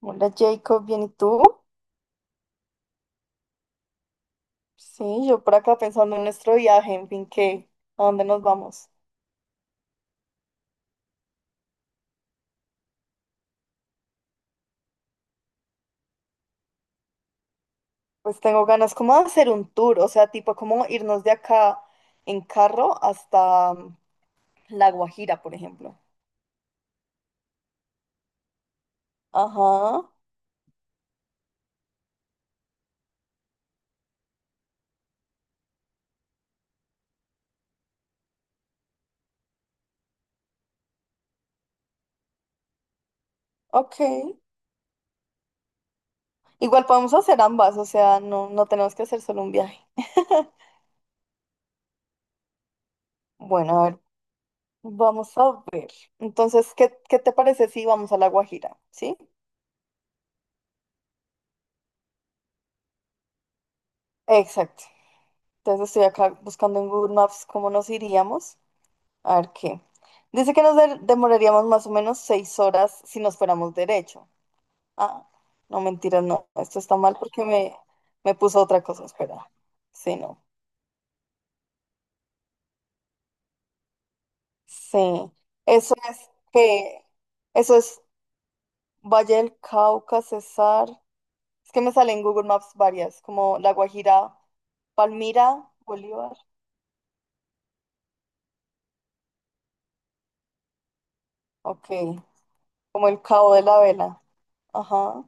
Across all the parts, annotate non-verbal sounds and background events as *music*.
Hola Jacob, ¿bien y tú? Sí, yo por acá pensando en nuestro viaje, en fin, ¿qué? ¿A dónde nos vamos? Pues tengo ganas como de hacer un tour, o sea, tipo como irnos de acá en carro hasta La Guajira, por ejemplo. Ajá, ok. Igual podemos hacer ambas, o sea, no, no tenemos que hacer solo un viaje. Bueno, a ver, vamos a ver. Entonces, ¿qué te parece si vamos a La Guajira? ¿Sí? Exacto. Entonces estoy acá buscando en Google Maps cómo nos iríamos. A ver qué. Dice que nos demoraríamos más o menos 6 horas si nos fuéramos derecho. Ah, no, mentira, no. Esto está mal porque me puso otra cosa. Espera. Sí, no. Sí. Eso es que. Eso es Valle del Cauca, Cesar. Es que me sale en Google Maps varias, como La Guajira, Palmira, Bolívar. Ok. Como el Cabo de la Vela. Ajá,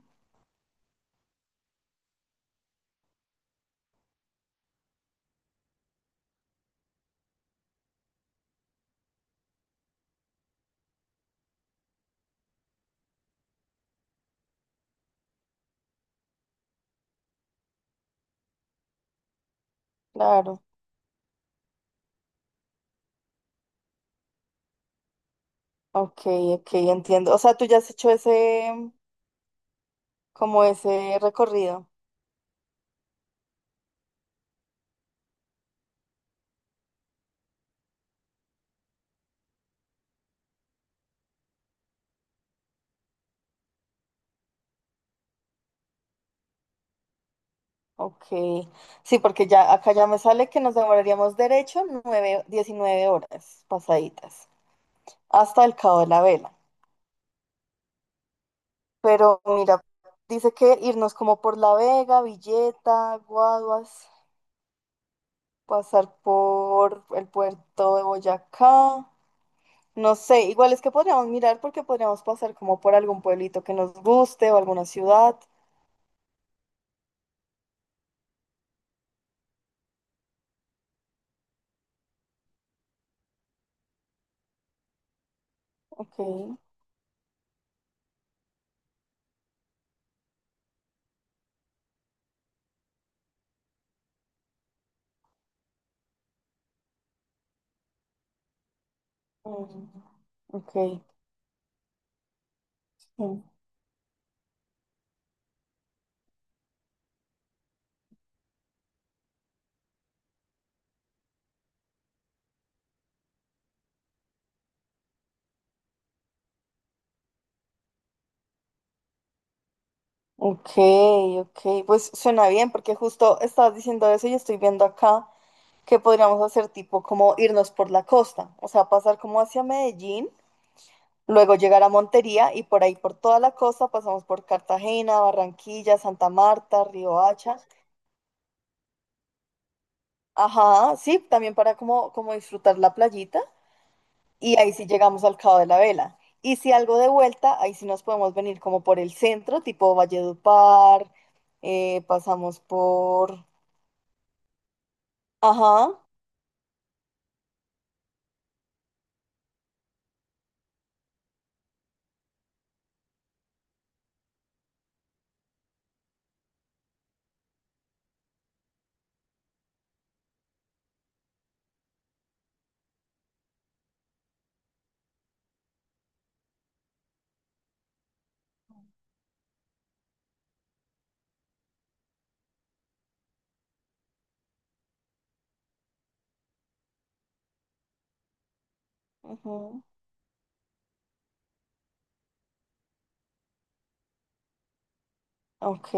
claro. Ok, ok, entiendo. O sea, tú ya has hecho ese, como ese recorrido. Ok, sí, porque ya acá ya me sale que nos demoraríamos derecho 9, 19 horas pasaditas hasta el Cabo de la Vela. Pero mira, dice que irnos como por La Vega, Villeta, Guaduas, pasar por el puerto de Boyacá. No sé, igual es que podríamos mirar porque podríamos pasar como por algún pueblito que nos guste o alguna ciudad. Ok. Mm. Ok. Mm. Ok, ok, pues suena bien porque justo estabas diciendo eso y estoy viendo acá que podríamos hacer tipo como irnos por la costa, o sea, pasar como hacia Medellín, luego llegar a Montería y por ahí por toda la costa pasamos por Cartagena, Barranquilla, Santa Marta, Riohacha, ajá, sí, también para como disfrutar la playita y ahí sí llegamos al Cabo de la Vela. Y si algo de vuelta, ahí sí nos podemos venir como por el centro, tipo Valledupar, pasamos por. Ajá. Ujú. Ok,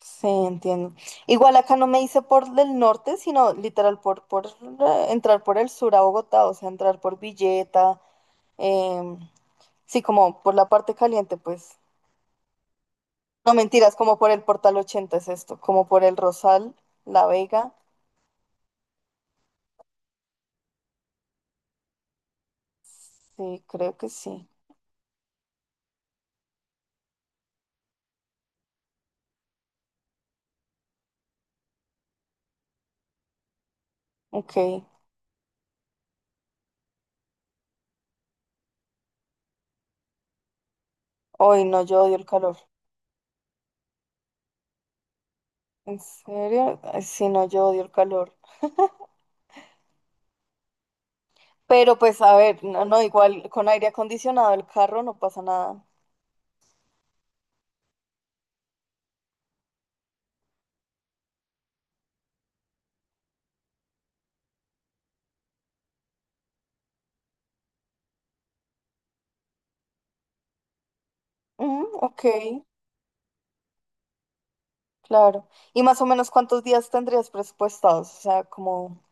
sí, entiendo. Igual acá no me hice por del norte, sino literal por, por entrar por el sur a Bogotá, o sea, entrar por Villeta, em, sí, como por la parte caliente, pues. No mentiras, como por el Portal 80 es esto, como por el Rosal, La Vega, sí, creo que sí. Ok, hoy no, yo odio el calor. ¿En serio? Ay, sí, no, yo odio el calor. Pero pues, a ver, no, no, igual con aire acondicionado el carro no pasa nada. Mm, ok, claro. ¿Y más o menos cuántos días tendrías presupuestados? O sea, como,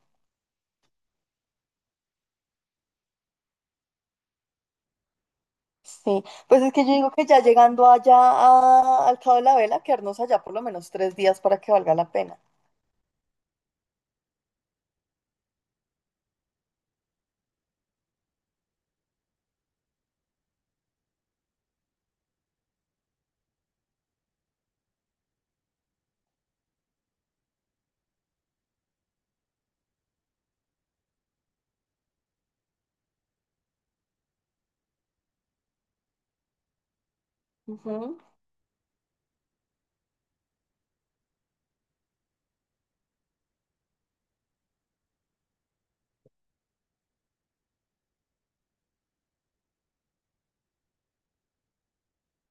sí. Pues es que yo digo que ya llegando allá al Cabo de la Vela, quedarnos allá por lo menos 3 días para que valga la pena. Ujú.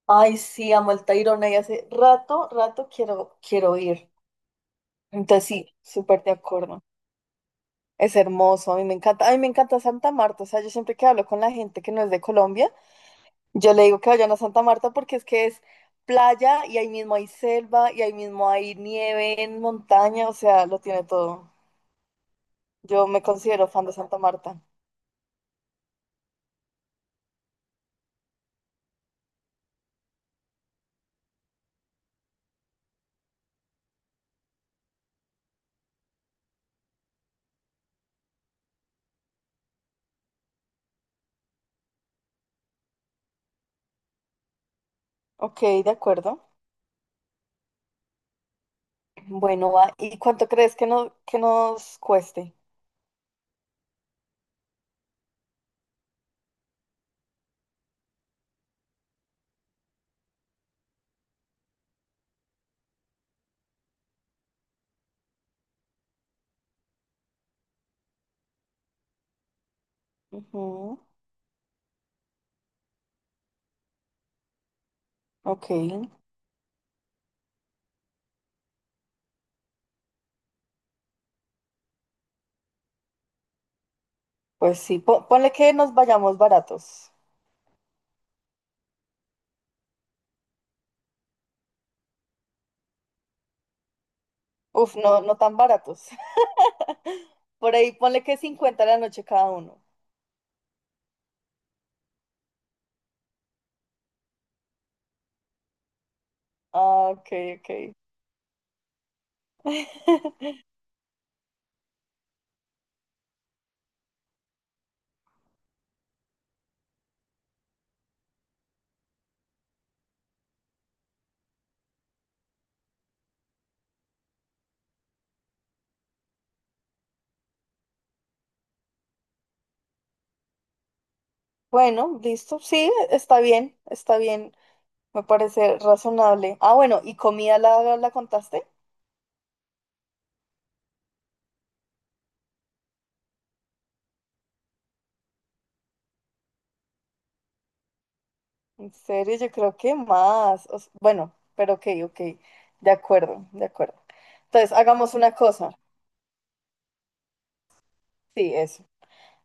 Ay, sí, amo el Tayrona y hace rato, rato quiero ir. Entonces sí, súper de acuerdo. Es hermoso, a mí me encanta, a mí me encanta Santa Marta, o sea, yo siempre que hablo con la gente que no es de Colombia, yo le digo que vayan a Santa Marta porque es que es playa y ahí mismo hay selva y ahí mismo hay nieve en montaña, o sea, lo tiene todo. Yo me considero fan de Santa Marta. Ok, de acuerdo. Bueno, va. ¿Y cuánto crees que, no, que nos cueste? Ujú. Ok, pues sí, ponle que nos vayamos baratos. Uf, no, no tan baratos. *laughs* Por ahí ponle que 50 la noche cada uno. Ah, ok, ok. Bueno, listo. Sí, está bien, está bien. Me parece razonable. Ah, bueno, ¿y comida la contaste? En serio, yo creo que más. Bueno, pero ok, ok. De acuerdo, de acuerdo. Entonces, hagamos una cosa. Sí, eso.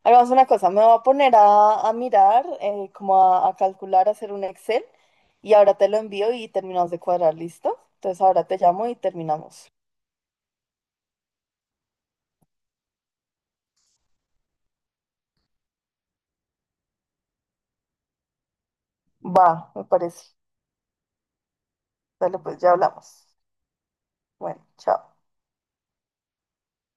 Hagamos una cosa. Me voy a poner a mirar, como a calcular, a hacer un Excel. Y ahora te lo envío y terminamos de cuadrar, ¿listo? Entonces, ahora te llamo y terminamos. Va, me parece. Dale, pues ya hablamos. Bueno, chao.